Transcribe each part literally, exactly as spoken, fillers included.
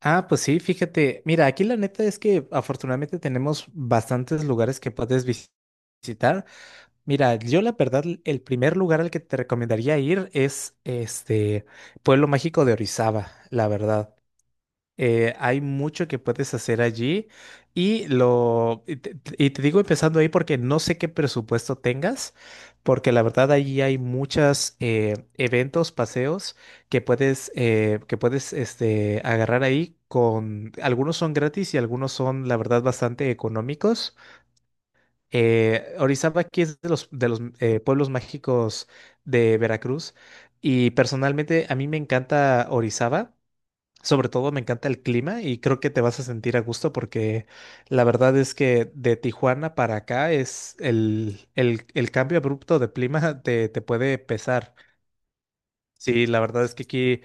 Ah, pues sí, fíjate, mira, aquí la neta es que afortunadamente tenemos bastantes lugares que puedes vis- visitar. Mira, yo la verdad, el primer lugar al que te recomendaría ir es este Pueblo Mágico de Orizaba, la verdad. Eh, hay mucho que puedes hacer allí y lo y te, y te digo empezando ahí porque no sé qué presupuesto tengas, porque la verdad allí hay muchos eventos, paseos que puedes eh, que puedes este agarrar ahí con algunos son gratis y algunos son la verdad bastante económicos. Eh, Orizaba aquí es de los de los eh, pueblos mágicos de Veracruz y personalmente a mí me encanta Orizaba. Sobre todo me encanta el clima y creo que te vas a sentir a gusto porque la verdad es que de Tijuana para acá es el, el, el cambio abrupto de clima te, te puede pesar. Sí, la verdad es que aquí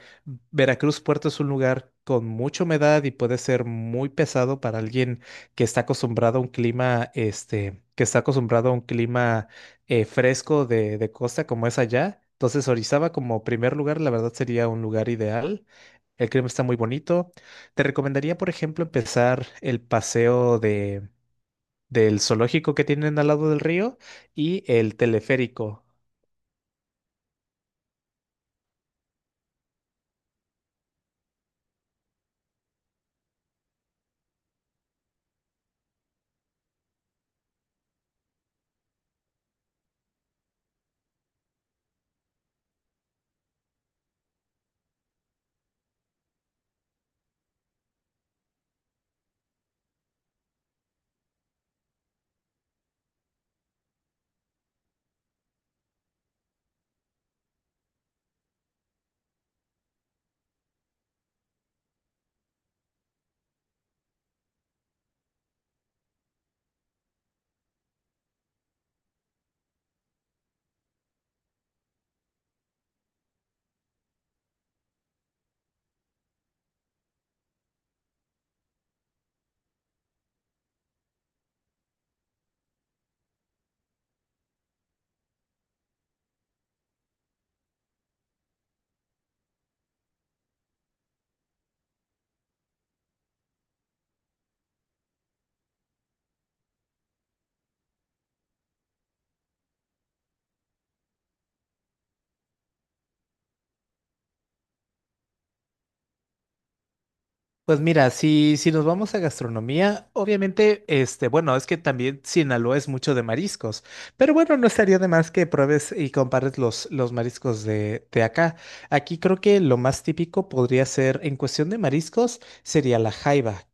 Veracruz Puerto es un lugar con mucha humedad y puede ser muy pesado para alguien que está acostumbrado a un clima, este, que está acostumbrado a un clima eh, fresco de, de costa como es allá. Entonces, Orizaba como primer lugar, la verdad sería un lugar ideal. El clima está muy bonito. Te recomendaría, por ejemplo, empezar el paseo de, del zoológico que tienen al lado del río y el teleférico. Pues mira, si, si nos vamos a gastronomía, obviamente, este, bueno, es que también Sinaloa es mucho de mariscos, pero bueno, no estaría de más que pruebes y compares los, los mariscos de, de acá. Aquí creo que lo más típico podría ser, en cuestión de mariscos, sería la jaiba,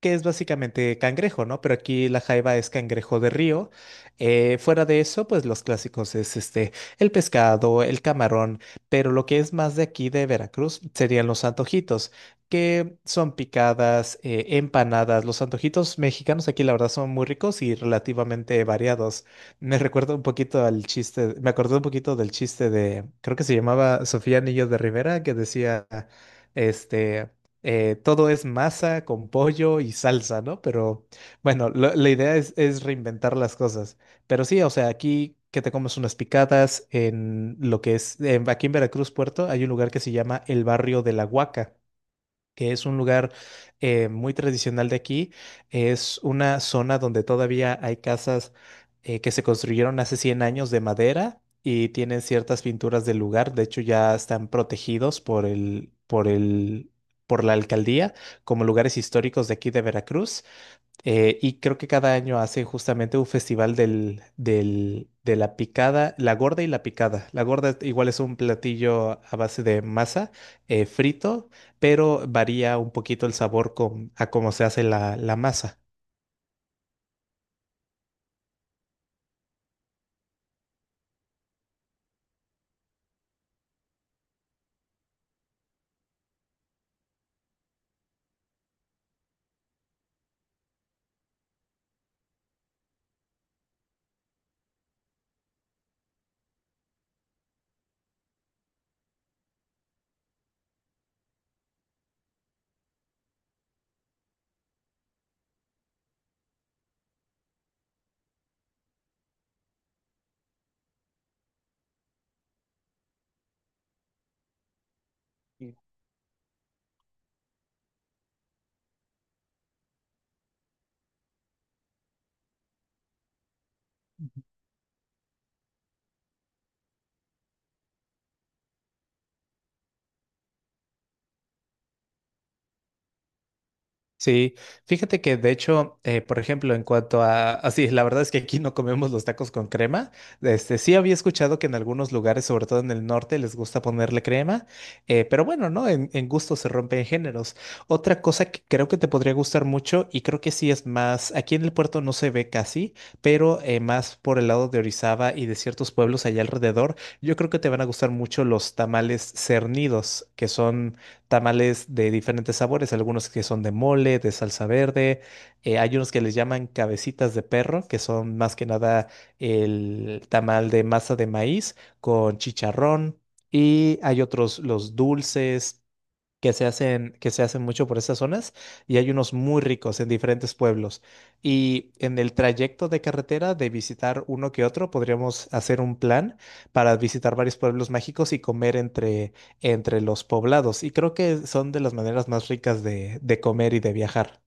que es básicamente cangrejo, ¿no? Pero aquí la jaiba es cangrejo de río. Eh, fuera de eso, pues los clásicos es este, el pescado, el camarón, pero lo que es más de aquí de Veracruz serían los antojitos que son picadas, eh, empanadas. Los antojitos mexicanos aquí, la verdad, son muy ricos y relativamente variados. Me recuerda un poquito al chiste, me acordé un poquito del chiste de, creo que se llamaba Sofía Niño de Rivera, que decía, este, eh, todo es masa con pollo y salsa, ¿no? Pero bueno, lo- la idea es, es reinventar las cosas. Pero sí, o sea, aquí que te comes unas picadas en lo que es, en- aquí en Veracruz, Puerto, hay un lugar que se llama el Barrio de la Huaca que es un lugar eh, muy tradicional de aquí. Es una zona donde todavía hay casas eh, que se construyeron hace cien años de madera y tienen ciertas pinturas del lugar. De hecho, ya están protegidos por el, por el, por la alcaldía como lugares históricos de aquí de Veracruz. Eh, y creo que cada año hace justamente un festival del, del- de la picada, la gorda y la picada. La gorda igual es un platillo a base de masa eh, frito, pero varía un poquito el sabor con, a cómo se hace la, la masa. Sí, fíjate que de hecho, eh, por ejemplo, en cuanto a, así, la verdad es que aquí no comemos los tacos con crema. Este, sí había escuchado que en algunos lugares, sobre todo en el norte, les gusta ponerle crema, eh, pero bueno, ¿no? En, en gusto se rompen géneros. Otra cosa que creo que te podría gustar mucho y creo que sí es más, aquí en el puerto no se ve casi, pero eh, más por el lado de Orizaba y de ciertos pueblos allá alrededor, yo creo que te van a gustar mucho los tamales cernidos, que son tamales de diferentes sabores, algunos que son de mole, de salsa verde, eh, hay unos que les llaman cabecitas de perro, que son más que nada el tamal de masa de maíz con chicharrón, y hay otros, los dulces que se hacen, que se hacen mucho por esas zonas y hay unos muy ricos en diferentes pueblos. Y en el trayecto de carretera de visitar uno que otro, podríamos hacer un plan para visitar varios pueblos mágicos y comer entre, entre los poblados. Y creo que son de las maneras más ricas de, de comer y de viajar.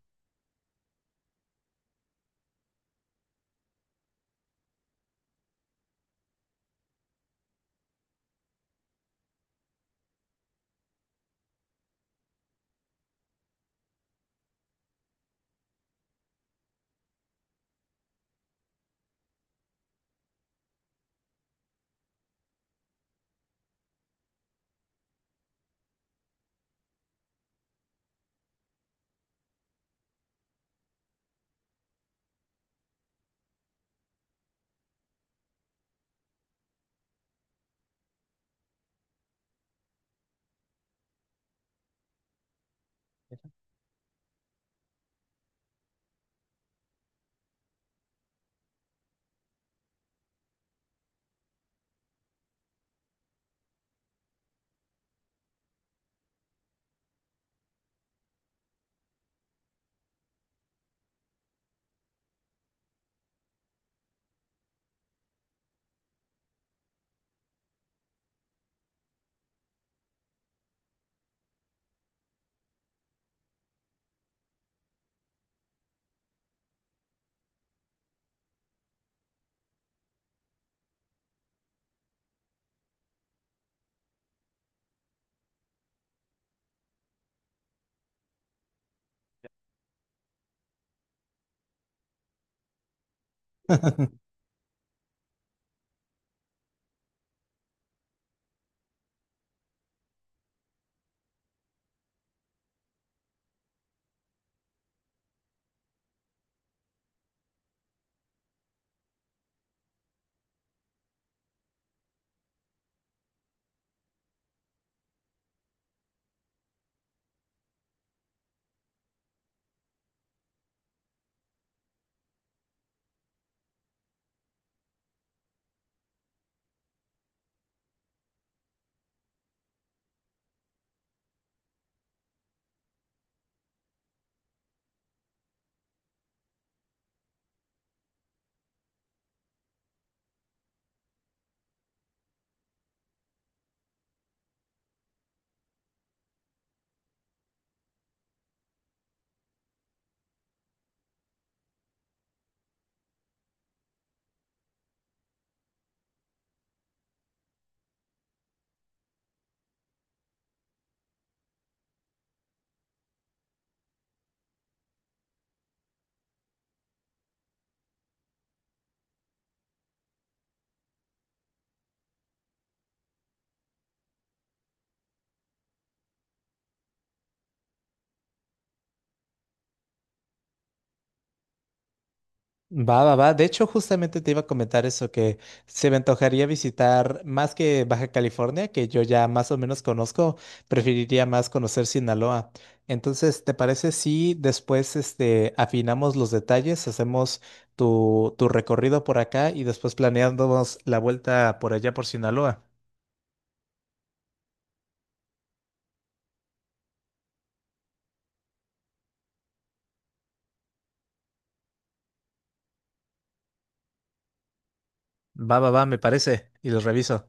Va, va, va. De hecho, justamente te iba a comentar eso, que se me antojaría visitar más que Baja California, que yo ya más o menos conozco, preferiría más conocer Sinaloa. Entonces, ¿te parece si después este, afinamos los detalles, hacemos tu, tu recorrido por acá y después planeamos la vuelta por allá por Sinaloa? Va, va, va, me parece, y los reviso.